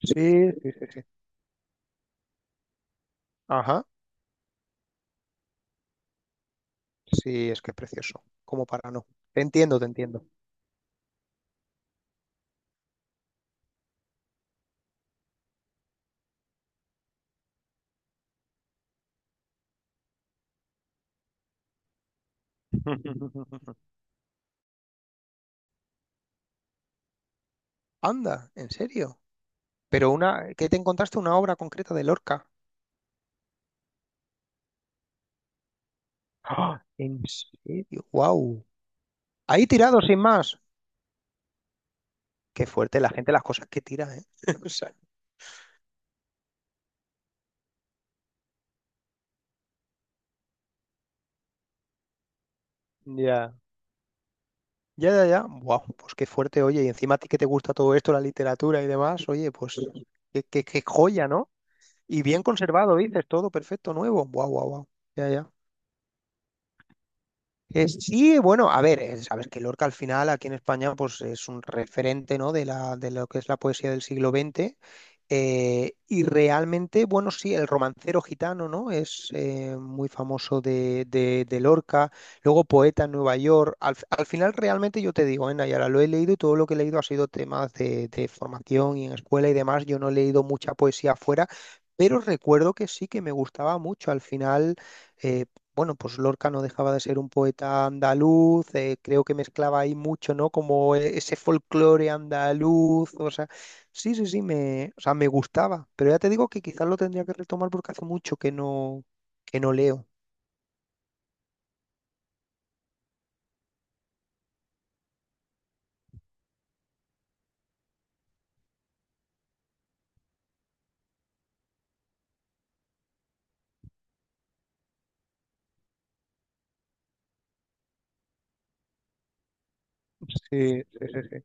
Sí, sí, ajá. Sí, es que es precioso. Como para no. Te entiendo, te entiendo. Anda, ¿en serio? Pero una, ¿qué te encontraste una obra concreta de Lorca? ¡Ah! ¿En serio? ¡Wow! Ahí tirado sin más. Qué fuerte la gente las cosas que tira, ¿eh? O sea, ya. Ya, ya, ya. Wow, pues qué fuerte, oye. Y encima a ti que te gusta todo esto, la literatura y demás, oye, pues qué, qué joya, ¿no? Y bien conservado, dices, todo perfecto, nuevo. Wow, wow, wow. Ya, ya. Sí, bueno, a ver, sabes que Lorca al final aquí en España pues es un referente, ¿no?, de la, de lo que es la poesía del siglo XX. Y realmente, bueno, sí, el romancero gitano, ¿no? Es muy famoso de, de Lorca. Luego poeta en Nueva York. Al final realmente yo te digo, ¿eh?, Nayara, lo he leído y todo lo que he leído ha sido temas de formación y en escuela y demás. Yo no he leído mucha poesía afuera, pero recuerdo que sí que me gustaba mucho. Al final... eh, bueno, pues Lorca no dejaba de ser un poeta andaluz, creo que mezclaba ahí mucho, ¿no? Como ese folclore andaluz, o sea, sí, sí, sí, me, o sea, me gustaba, pero ya te digo que quizás lo tendría que retomar porque hace mucho que no leo. Sí, sí, sí, sí.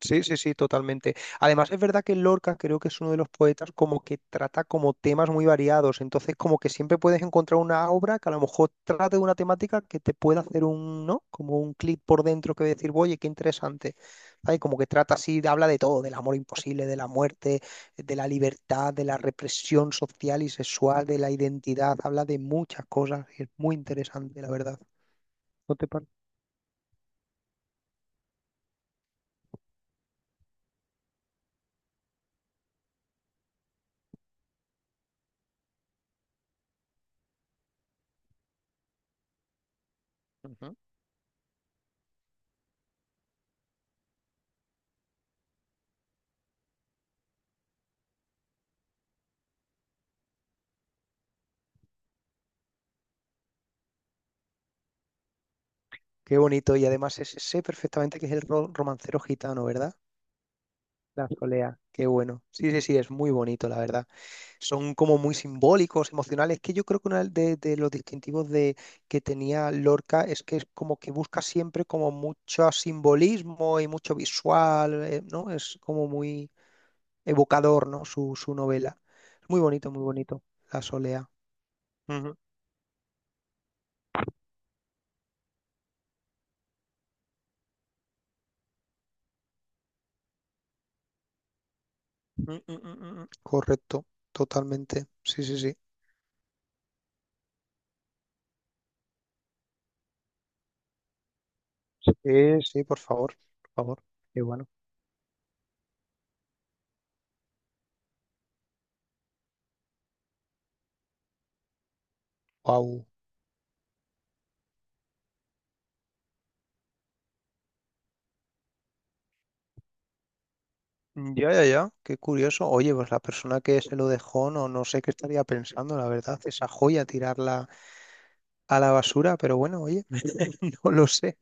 Sí, sí, sí, totalmente. Además, es verdad que Lorca creo que es uno de los poetas como que trata como temas muy variados, entonces como que siempre puedes encontrar una obra que a lo mejor trate de una temática que te pueda hacer un, ¿no?, como un clic por dentro que decir, oye, qué interesante. ¿Sabes? Como que trata así, habla de todo, del amor imposible, de la muerte, de la libertad, de la represión social y sexual, de la identidad, habla de muchas cosas y es muy interesante, la verdad. ¿No te parece? Ujú. Qué bonito, y además ese sé perfectamente que es el romancero gitano, ¿verdad? Las poleas, qué bueno. Sí, sí, sí, es muy bonito, la verdad. Son como muy simbólicos, emocionales, que yo creo que uno de los distintivos de, que tenía Lorca es que es como que busca siempre como mucho simbolismo y mucho visual, ¿no? Es como muy evocador, ¿no? Su novela. Es muy bonito, La Solea. Ujú. Mm, mm, mm, mm, mm. Correcto, totalmente. Sí, sí, sí. Sí, sí, por favor, por favor. Qué bueno. Wow. Ya, ya, ya, qué curioso. Oye, pues la persona que se lo dejó, no, no sé qué estaría pensando, la verdad, esa joya tirarla a la basura, pero bueno, oye, no lo sé.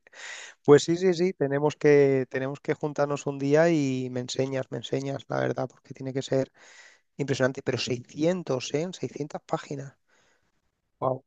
Pues sí, sí, sí, tenemos que juntarnos un día y me enseñas, la verdad, porque tiene que ser impresionante. Pero 600, ¿eh? 600 páginas. Wow.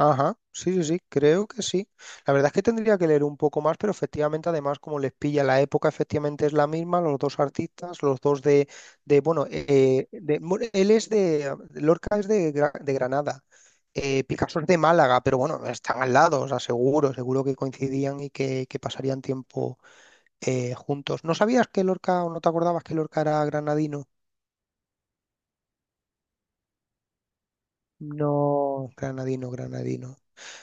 Ajá, sí, sí, sí, creo que sí. La verdad es que tendría que leer un poco más, pero efectivamente, además, como les pilla la época, efectivamente es la misma, los dos artistas, los dos de bueno, él es de, Lorca es de, de Granada, Picasso es de Málaga, pero bueno, están al lado, o sea, seguro, seguro que coincidían y que pasarían tiempo juntos. ¿No sabías que Lorca, o no te acordabas que Lorca era granadino? No, granadino, granadino.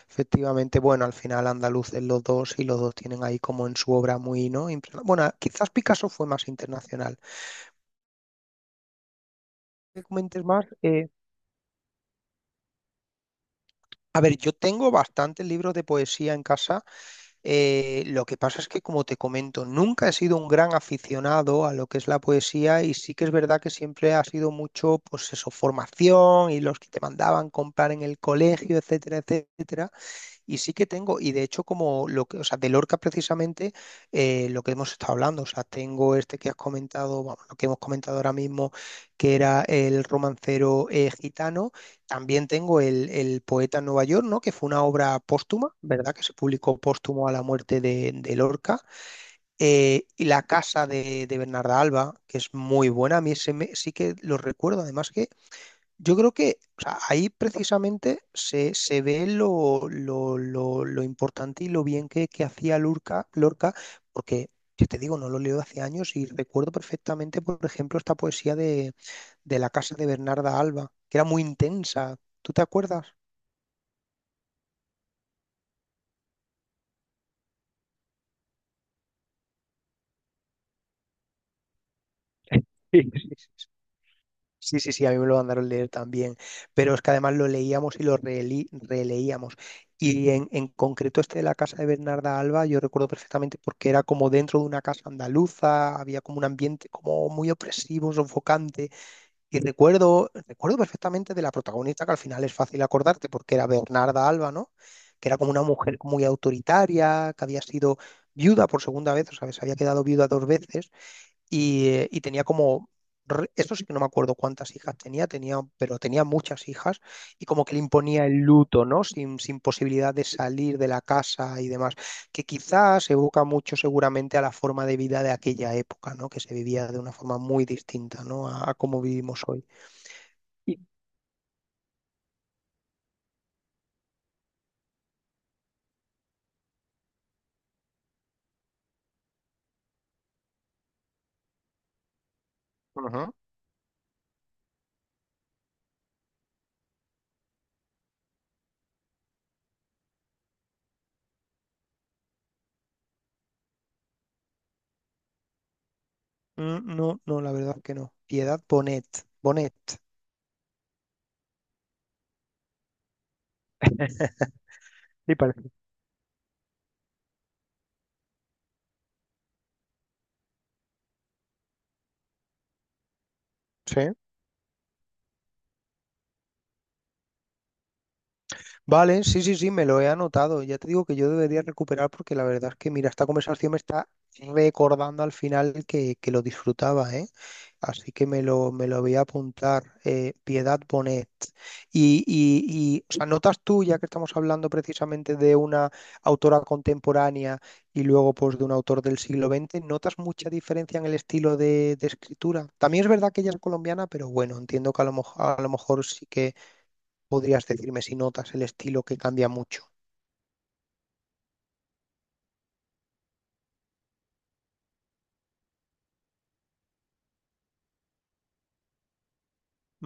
Efectivamente, bueno, al final andaluz es los dos y los dos tienen ahí como en su obra muy, ¿no? Bueno, quizás Picasso fue más internacional. ¿Qué comentes más? A ver, yo tengo bastantes libros de poesía en casa. Lo que pasa es que, como te comento, nunca he sido un gran aficionado a lo que es la poesía y sí que es verdad que siempre ha sido mucho, pues eso, formación y los que te mandaban comprar en el colegio, etcétera, etcétera. Y sí que tengo, y de hecho como lo que, o sea, de Lorca precisamente lo que hemos estado hablando, o sea, tengo este que has comentado, vamos, lo que hemos comentado ahora mismo, que era el romancero gitano, también tengo el poeta en Nueva York, ¿no? Que fue una obra póstuma, ¿verdad? Que se publicó póstumo a la muerte de Lorca. Y La casa de Bernarda Alba, que es muy buena, a mí ese sí que lo recuerdo, además que yo creo que o sea, ahí precisamente se, se ve lo, lo importante y lo bien que hacía Lorca, Lorca, porque yo te digo, no lo leo hace años y recuerdo perfectamente, por ejemplo, esta poesía de La casa de Bernarda Alba, que era muy intensa. ¿Tú te acuerdas? Sí, sí, sí, a mí me lo mandaron leer también, pero es que además lo leíamos y lo releíamos. Y en concreto este de la casa de Bernarda Alba, yo recuerdo perfectamente porque era como dentro de una casa andaluza, había como un ambiente como muy opresivo, sofocante. Y recuerdo, recuerdo perfectamente de la protagonista, que al final es fácil acordarte porque era Bernarda Alba, ¿no? Que era como una mujer muy autoritaria, que había sido viuda por segunda vez, o sea, que se había quedado viuda dos veces y tenía como, esto sí que no me acuerdo cuántas hijas tenía, tenía, pero tenía muchas hijas y como que le imponía el luto, ¿no? Sin, sin posibilidad de salir de la casa y demás, que quizás evoca mucho seguramente a la forma de vida de aquella época, ¿no? Que se vivía de una forma muy distinta, ¿no? A cómo vivimos hoy. Y... Ujú. Mm, no, no, la verdad que no. Piedad Bonet, Bonet. Sí, parece. Sí. Vale, sí, sí, sí, me lo he anotado. Ya te digo que yo debería recuperar porque la verdad es que, mira, esta conversación me está recordando al final que lo disfrutaba, ¿eh? Así que me lo voy a apuntar. Piedad Bonet. Y, y, y, o sea, notas tú, ya que estamos hablando precisamente de una autora contemporánea y luego pues de un autor del siglo XX, ¿notas mucha diferencia en el estilo de escritura? También es verdad que ella es colombiana, pero bueno, entiendo que a a lo mejor sí podrías decirme si notas el estilo que cambia mucho.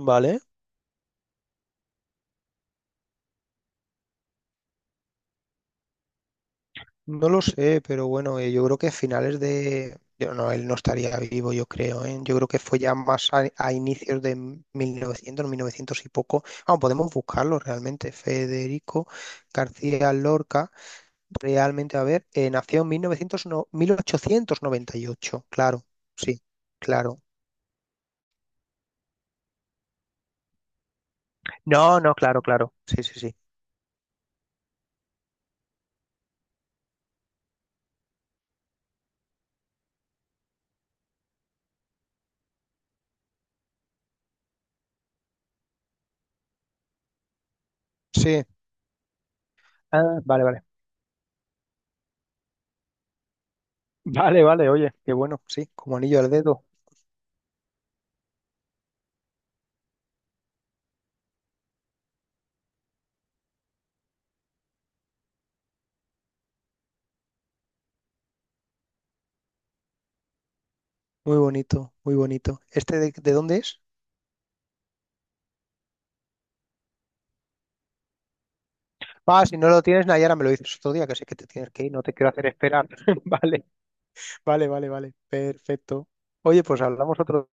¿Vale? No lo sé, pero bueno, yo creo que finales de... Yo no, él no estaría vivo, yo creo, ¿eh? Yo creo que fue ya más a inicios de 1900, 1900 y poco. Ah, podemos buscarlo realmente. Federico García Lorca, realmente, a ver, nació en 1900, 1898, claro, sí, claro. No, no, claro, claro. Sí, sí, sí. Sí. Ah, vale, vale. Vale, vale, oye, qué bueno, sí, como anillo al dedo. Muy bonito, muy bonito. ¿Este de dónde es? Ah, si no lo tienes, Nayara, me lo dices otro día, que sé que te tienes que ir, no te quiero hacer esperar. Vale, vale, vale, vale. Perfecto. Oye, pues hablamos otro